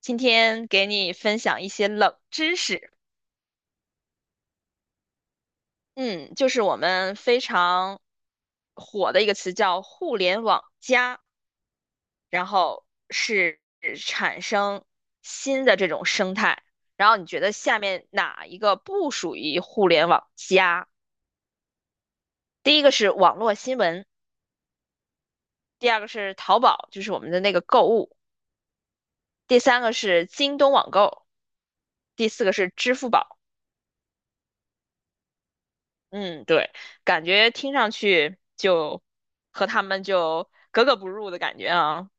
今天给你分享一些冷知识，嗯，就是我们非常火的一个词叫“互联网加”，然后是产生新的这种生态。然后你觉得下面哪一个不属于互联网加？第一个是网络新闻，第二个是淘宝，就是我们的那个购物，第三个是京东网购，第四个是支付宝。嗯，对，感觉听上去就和他们就格格不入的感觉啊。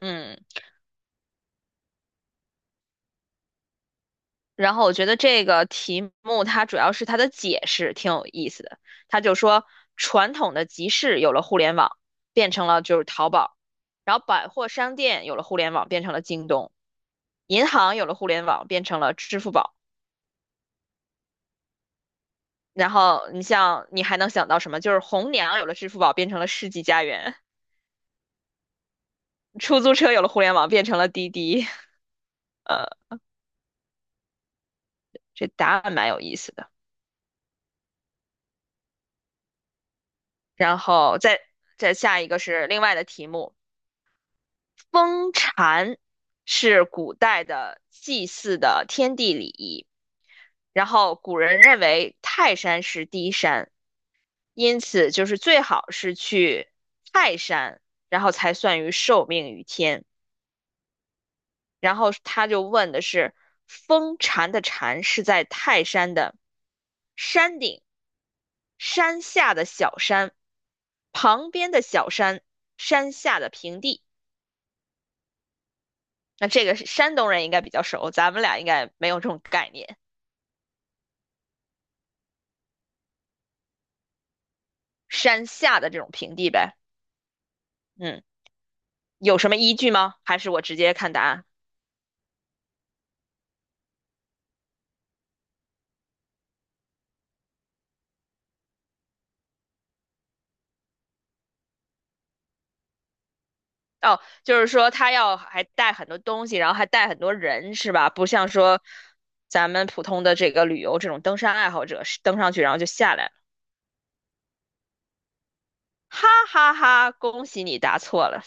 嗯，然后我觉得这个题目它主要是它的解释挺有意思的。它就说，传统的集市有了互联网，变成了就是淘宝；然后百货商店有了互联网，变成了京东；银行有了互联网，变成了支付宝。然后你像你还能想到什么？就是红娘有了支付宝，变成了世纪佳缘；出租车有了互联网，变成了滴滴。呃。这答案蛮有意思的。然后再下一个是另外的题目，封禅是古代的祭祀的天地礼仪，然后古人认为泰山是第一山，因此就是最好是去泰山，然后才算于受命于天。然后他就问的是，封禅的禅是在泰山的山顶，山下的小山，旁边的小山，山下的平地。那这个是山东人应该比较熟，咱们俩应该没有这种概念。山下的这种平地呗，嗯，有什么依据吗？还是我直接看答案？哦，就是说他要还带很多东西，然后还带很多人，是吧？不像说咱们普通的这个旅游这种登山爱好者，登上去然后就下来了。哈哈哈，恭喜你答错了。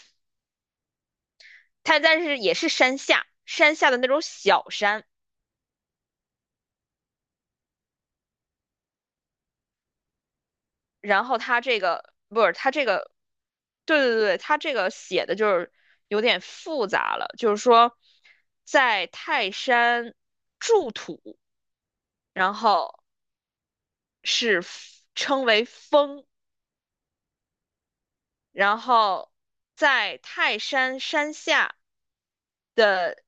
他但是也是山下，山下的那种小山，然后他这个不是他这个，对对对，他这个写的就是有点复杂了，就是说在泰山筑土，然后是 称为峰，然后在泰山山下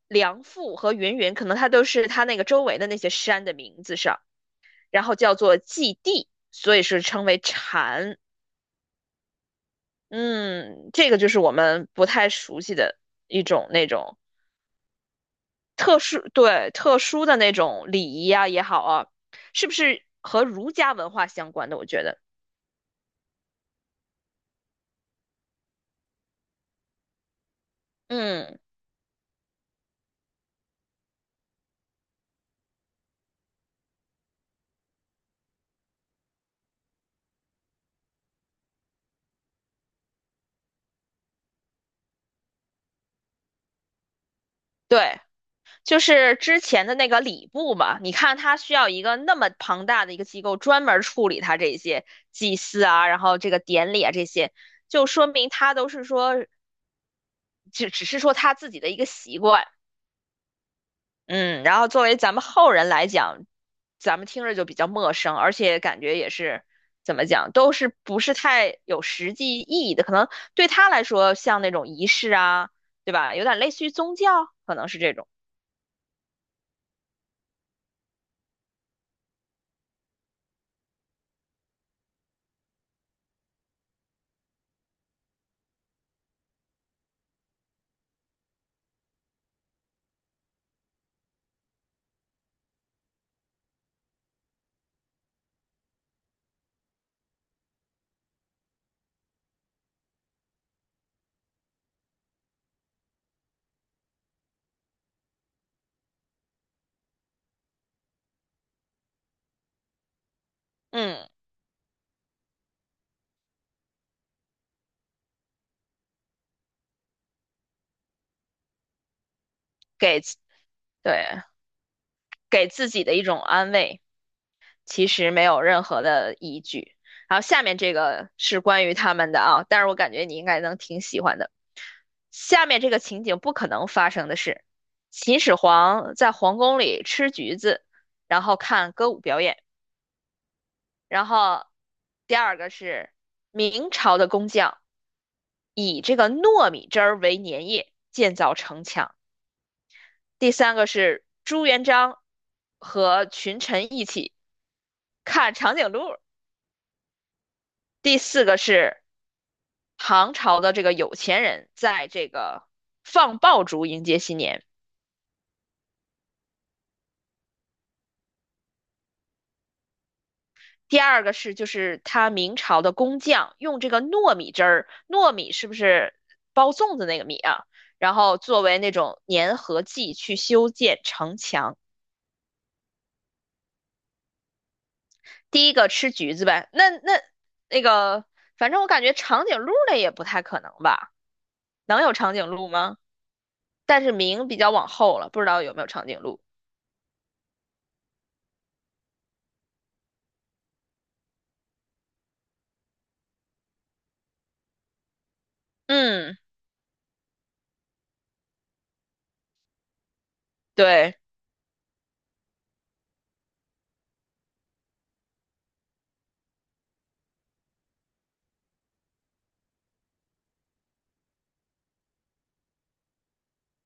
梁父和云云，可能它都是它那个周围的那些山的名字上，然后叫做祭地，所以是称为禅。嗯，这个就是我们不太熟悉的一种那种。特殊，对，特殊的那种礼仪啊也好啊，是不是和儒家文化相关的？我觉得，嗯，对，就是之前的那个礼部嘛，你看他需要一个那么庞大的一个机构专门处理他这些祭祀啊，然后这个典礼啊这些，就说明他都是说只是说他自己的一个习惯，嗯，然后作为咱们后人来讲，咱们听着就比较陌生，而且感觉也是怎么讲，都是不是太有实际意义的。可能对他来说，像那种仪式啊，对吧？有点类似于宗教，可能是这种。嗯，给自对，给自己的一种安慰，其实没有任何的依据。然后下面这个是关于他们的啊，但是我感觉你应该能挺喜欢的。下面这个情景不可能发生的是，秦始皇在皇宫里吃橘子，然后看歌舞表演。然后第二个是明朝的工匠以这个糯米汁儿为粘液建造城墙。第三个是朱元璋和群臣一起看长颈鹿。第四个是唐朝的这个有钱人在这个放爆竹迎接新年。第二个是就是他明朝的工匠用这个糯米汁儿，糯米是不是包粽子那个米啊？然后作为那种粘合剂去修建城墙。第一个吃橘子呗，那那个，反正我感觉长颈鹿类也不太可能吧？能有长颈鹿吗？但是明比较往后了，不知道有没有长颈鹿。嗯，对，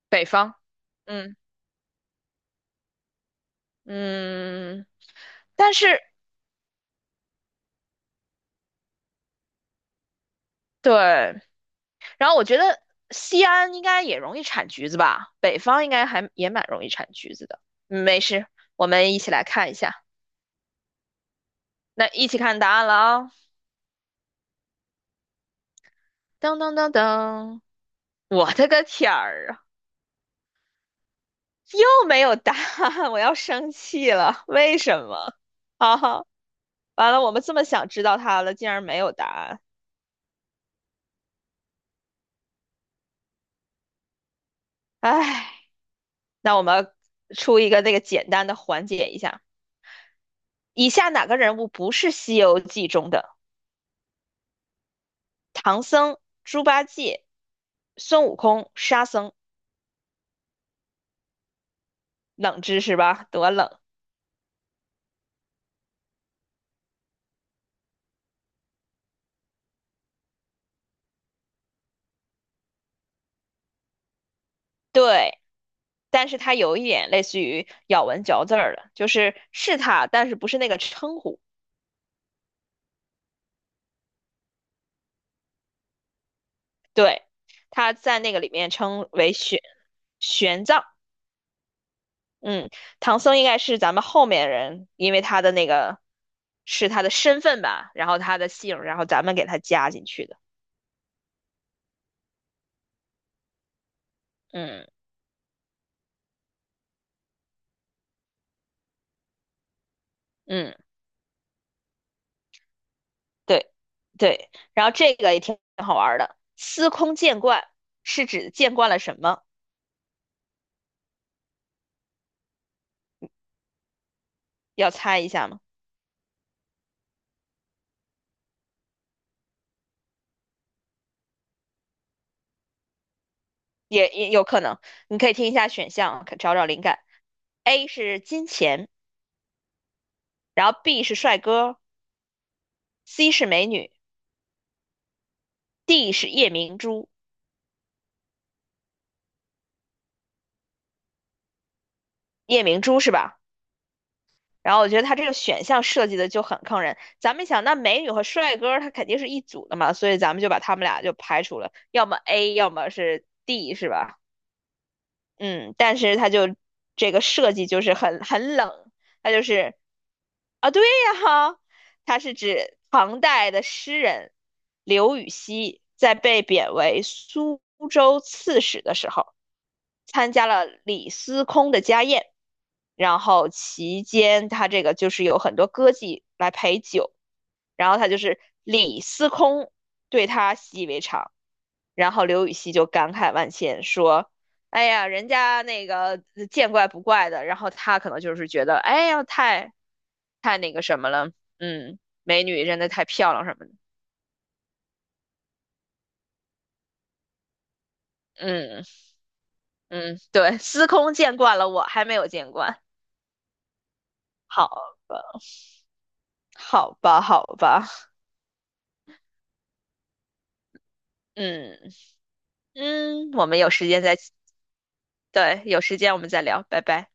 北方，嗯嗯，但是对。然后我觉得西安应该也容易产橘子吧，北方应该还也蛮容易产橘子的。嗯没事，我们一起来看一下，那一起看答案了啊！噔噔噔噔，我的个天儿啊，又没有答案，我要生气了，为什么？哈哈，完了，我们这么想知道它了，竟然没有答案，唉，那我们出一个那个简单的缓解一下。以下哪个人物不是《西游记》中的？唐僧、猪八戒、孙悟空、沙僧，冷知识吧，多冷。对，但是它有一点类似于咬文嚼字儿的，就是是它，但是不是那个称呼。对，它在那个里面称为玄奘。嗯，唐僧应该是咱们后面人，因为他的那个是他的身份吧，然后他的姓，然后咱们给他加进去的。嗯嗯。对对，然后这个也挺好玩儿的。司空见惯是指见惯了什么？要猜一下吗？也有可能，你可以听一下选项，可找找灵感。A 是金钱，然后 B 是帅哥，C 是美女，D 是夜明珠。夜明珠是吧？然后我觉得它这个选项设计的就很坑人。咱们想，那美女和帅哥他肯定是一组的嘛，所以咱们就把他们俩就排除了，要么 A，要么是 D，是吧？嗯，但是他就这个设计就是很冷，他就是啊，对呀哈，他是指唐代的诗人刘禹锡在被贬为苏州刺史的时候，参加了李司空的家宴，然后期间他这个就是有很多歌妓来陪酒，然后他就是李司空对他习以为常，然后刘禹锡就感慨万千说。哎呀，人家那个见怪不怪的，然后他可能就是觉得，哎呀，太那个什么了，嗯，美女真的太漂亮什么的，嗯嗯，对，司空见惯了我，还没有见惯，好吧，好吧，好吧，嗯嗯，我们有时间再，对，有时间我们再聊，拜拜。